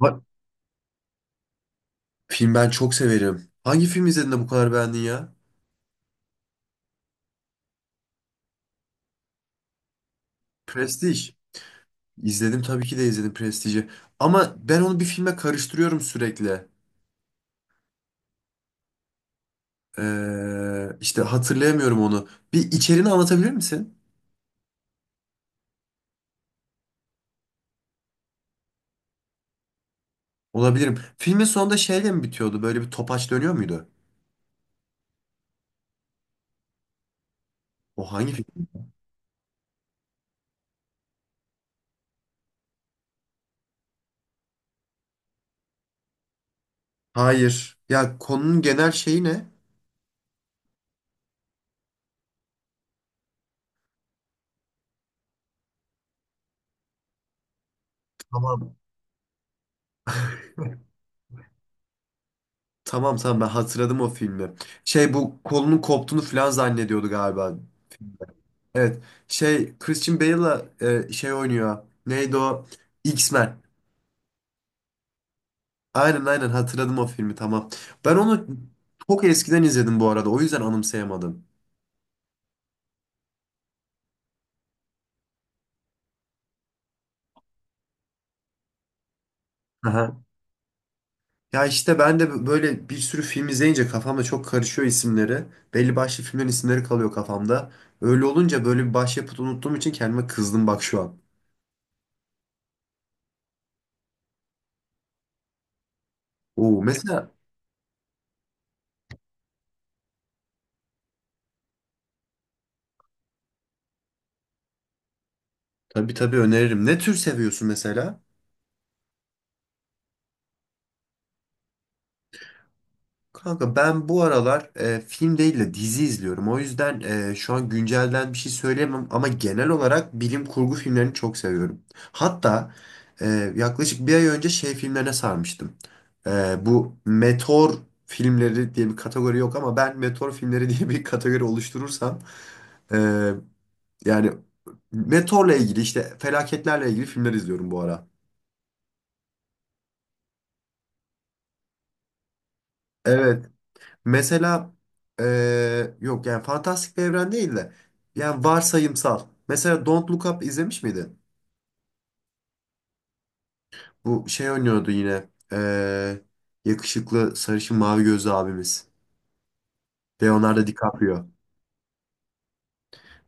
Bak, film ben çok severim. Hangi film izledin de bu kadar beğendin ya? Prestige. İzledim tabii ki de izledim Prestij'i. Ama ben onu bir filme karıştırıyorum sürekli. İşte hatırlayamıyorum onu. Bir içeriğini anlatabilir misin? Olabilirim. Filmin sonunda şeyle mi bitiyordu? Böyle bir topaç dönüyor muydu? O hangi film? Hayır. Ya konunun genel şeyi ne? Tamam. Tamam, tamam, ben hatırladım o filmi. Şey, bu kolunun koptuğunu falan zannediyordu galiba. Evet. Şey Christian Bale'la şey oynuyor. Neydi o? X-Men. Aynen, aynen, hatırladım o filmi, tamam. Ben onu çok eskiden izledim bu arada. O yüzden anımsayamadım. Aha. Ya işte ben de böyle bir sürü film izleyince kafamda çok karışıyor isimleri. Belli başlı filmlerin isimleri kalıyor kafamda. Öyle olunca böyle bir başyapıt unuttuğum için kendime kızdım bak şu an. Oo, mesela tabii, tabii öneririm. Ne tür seviyorsun mesela? Kanka, ben bu aralar film değil de dizi izliyorum. O yüzden şu an güncelden bir şey söyleyemem ama genel olarak bilim kurgu filmlerini çok seviyorum. Hatta e, yaklaşık bir ay önce şey filmlerine sarmıştım. E, bu meteor filmleri diye bir kategori yok ama ben meteor filmleri diye bir kategori oluşturursam e, yani meteorla ilgili işte felaketlerle ilgili filmler izliyorum bu ara. Evet. Mesela yok, yani fantastik bir evren değil de yani varsayımsal. Mesela Don't Look Up izlemiş miydin? Bu şey oynuyordu yine, yakışıklı, sarışın, mavi gözlü abimiz. Leonardo DiCaprio.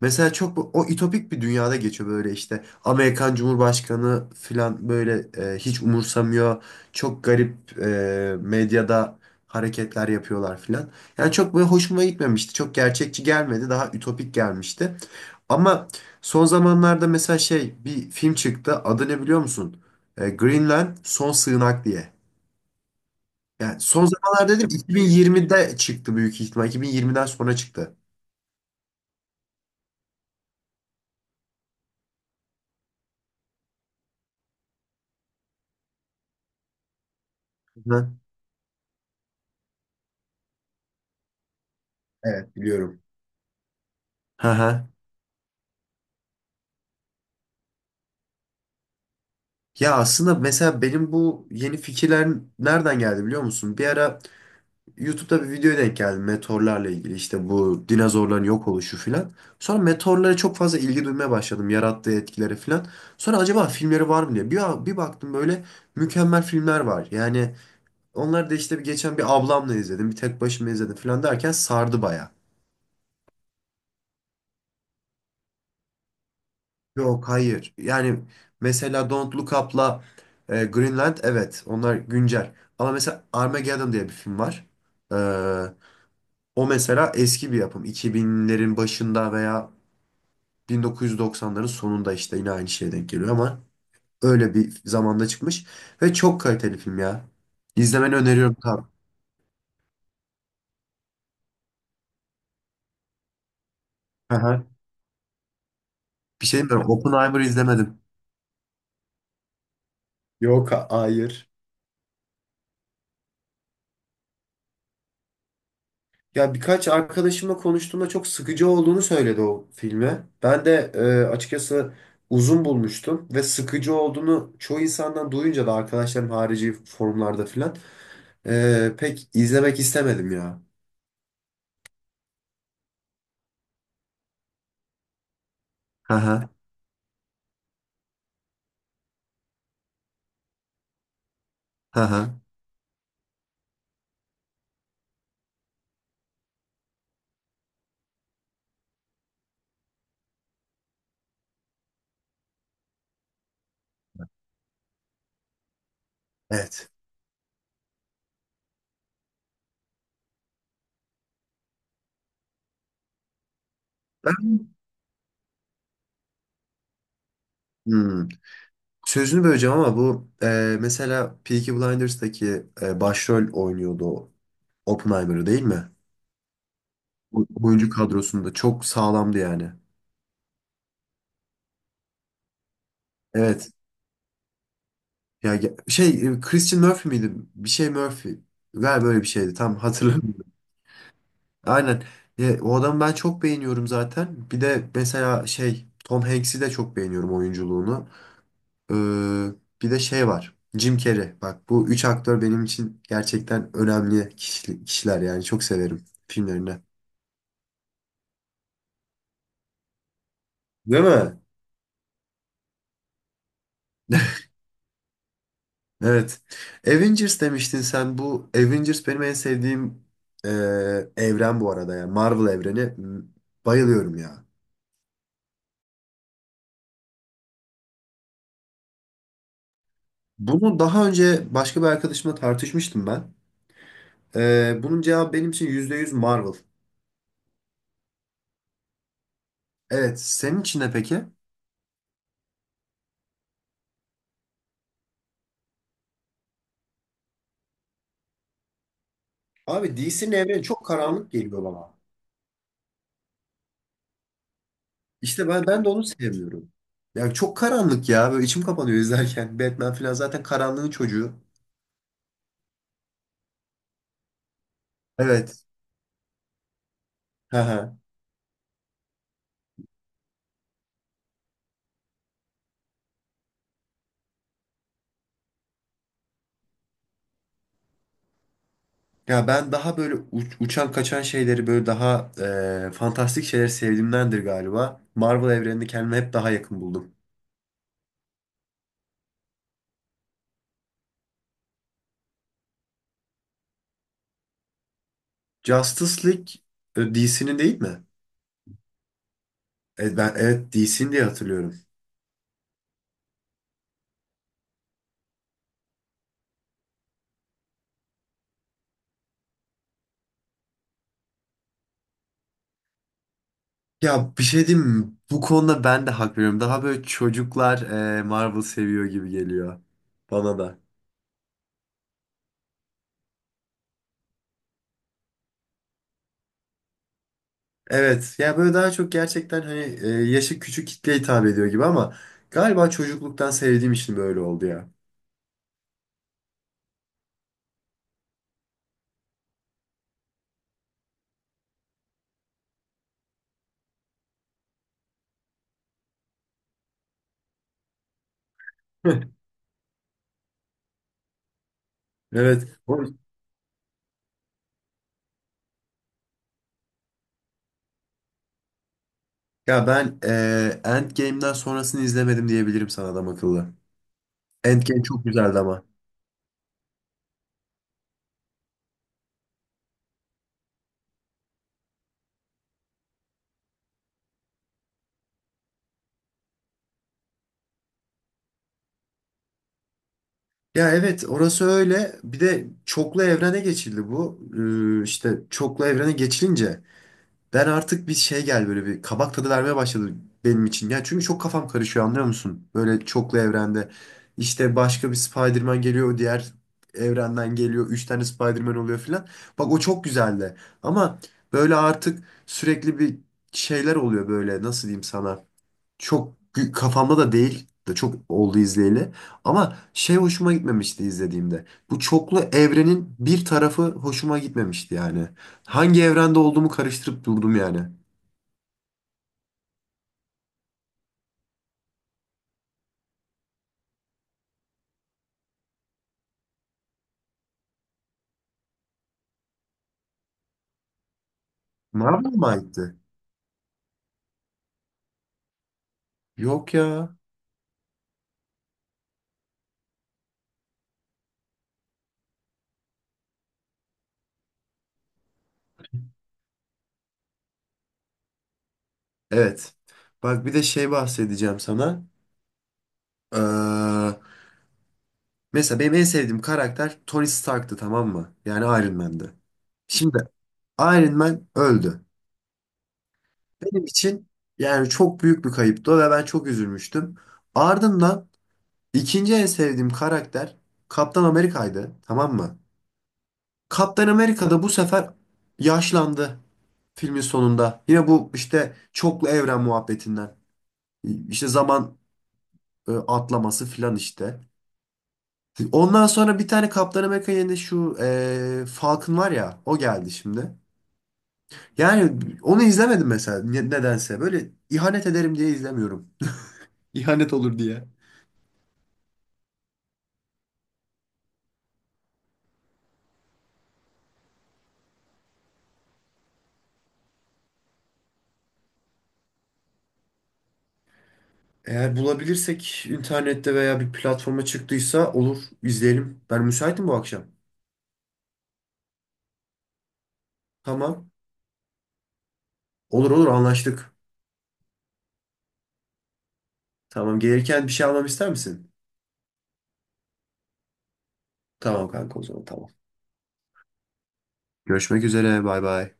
Mesela çok o ütopik bir dünyada geçiyor böyle işte. Amerikan Cumhurbaşkanı falan böyle hiç umursamıyor. Çok garip medyada hareketler yapıyorlar falan. Yani çok böyle hoşuma gitmemişti. Çok gerçekçi gelmedi. Daha ütopik gelmişti. Ama son zamanlarda mesela şey bir film çıktı. Adı ne biliyor musun? E, Greenland Son Sığınak diye. Yani son zamanlarda dedim, 2020'de çıktı büyük ihtimal. 2020'den sonra çıktı. Hı. Evet, biliyorum. Hı hı. Ya aslında mesela benim bu yeni fikirler nereden geldi biliyor musun? Bir ara YouTube'da bir videoya denk geldim meteorlarla ilgili, işte bu dinozorların yok oluşu filan. Sonra meteorlara çok fazla ilgi duymaya başladım, yarattığı etkileri filan. Sonra acaba filmleri var mı diye bir baktım böyle, mükemmel filmler var. Yani onlar da işte bir geçen bir ablamla izledim, bir tek başıma izledim filan derken sardı baya. Yok, hayır. Yani mesela Don't Look Up'la Greenland, evet, onlar güncel. Ama mesela Armageddon diye bir film var. Ee, O mesela eski bir yapım. 2000'lerin başında veya 1990'ların sonunda, işte yine aynı şeye denk geliyor ama öyle bir zamanda çıkmış. Ve çok kaliteli film ya. İzlemeni öneriyorum tabii. Aha. Bir şey mi? Oppenheimer izlemedim. Yok, hayır. Ya birkaç arkadaşımla konuştuğumda çok sıkıcı olduğunu söyledi o filmi. Ben de açıkçası uzun bulmuştum ve sıkıcı olduğunu çoğu insandan duyunca da, arkadaşlarım harici forumlarda filan, pek izlemek istemedim ya. Hı hı, hı hı. Evet. Ben, Hmm, sözünü böleceğim ama bu mesela Peaky Blinders'taki başrol oynuyordu o Oppenheimer'ı değil mi? Oyuncu kadrosunda çok sağlamdı yani. Evet. Ya şey, Christian Murphy miydi? Bir şey Murphy. Galiba böyle bir şeydi. Tam hatırlamıyorum. Aynen. Ya, o adamı ben çok beğeniyorum zaten. Bir de mesela şey Tom Hanks'i de çok beğeniyorum oyunculuğunu. Ee, bir de şey var. Jim Carrey. Bak, bu üç aktör benim için gerçekten önemli kişiler yani. Çok severim filmlerini. Değil mi? Evet. Avengers demiştin sen. Bu Avengers benim en sevdiğim e, evren bu arada. Yani Marvel evreni. M- Bayılıyorum ya. Bunu daha önce başka bir arkadaşımla tartışmıştım ben. Bunun cevabı benim için %100 Marvel. Evet, senin için ne peki? Abi, DC'nin evreni çok karanlık geliyor bana. İşte ben de onu sevmiyorum. Yani çok karanlık ya. Böyle içim kapanıyor izlerken. Batman falan zaten karanlığın çocuğu. Evet. Hı hı. Ya ben daha böyle uçan kaçan şeyleri, böyle daha fantastik şeyleri sevdiğimdendir galiba. Marvel evrenini kendime hep daha yakın buldum. Justice League DC'nin değil mi? Evet, ben evet DC'nin diye hatırlıyorum. Ya bir şey diyeyim mi? Bu konuda ben de hak veriyorum. Daha böyle çocuklar Marvel seviyor gibi geliyor bana da. Evet ya, böyle daha çok gerçekten hani yaşı küçük kitleye hitap ediyor gibi ama galiba çocukluktan sevdiğim için böyle oldu ya. Evet. Oğlum, ya ben Endgame'den sonrasını izlemedim diyebilirim sana adam akıllı. Endgame çok güzeldi ama. Ya evet, orası öyle. Bir de çoklu evrene geçildi bu. İşte çoklu evrene geçilince, ben artık bir şey, gel, böyle bir kabak tadı vermeye başladı benim için. Ya çünkü çok kafam karışıyor, anlıyor musun? Böyle çoklu evrende. İşte başka bir Spider-Man geliyor, diğer evrenden geliyor. Üç tane Spider-Man oluyor filan. Bak, o çok güzeldi. Ama böyle artık sürekli bir şeyler oluyor böyle, nasıl diyeyim sana. Çok kafamda da değil de çok oldu izleyeli. Ama şey, hoşuma gitmemişti izlediğimde. Bu çoklu evrenin bir tarafı hoşuma gitmemişti yani. Hangi evrende olduğumu karıştırıp durdum yani. Marvel mı aitti? Yok ya. Evet. Bak, bir de şey bahsedeceğim sana. Ee, mesela benim en sevdiğim karakter Tony Stark'tı, tamam mı? Yani Iron Man'di. Şimdi Iron Man öldü. Benim için yani çok büyük bir kayıptı ve ben çok üzülmüştüm. Ardından İkinci en sevdiğim karakter Kaptan Amerika'ydı, tamam mı? Kaptan Amerika da bu sefer yaşlandı filmin sonunda. Yine bu işte çoklu evren muhabbetinden. İşte zaman atlaması filan işte. Ondan sonra bir tane Kaptan Amerika yerine şu Falcon var ya, o geldi şimdi. Yani onu izlemedim mesela, nedense. Böyle ihanet ederim diye izlemiyorum. İhanet olur diye. Eğer bulabilirsek internette veya bir platforma çıktıysa olur, izleyelim. Ben müsaitim bu akşam. Tamam. Olur olur, anlaştık. Tamam, gelirken bir şey almam ister misin? Tamam kanka, o zaman tamam. Görüşmek üzere, bay bay.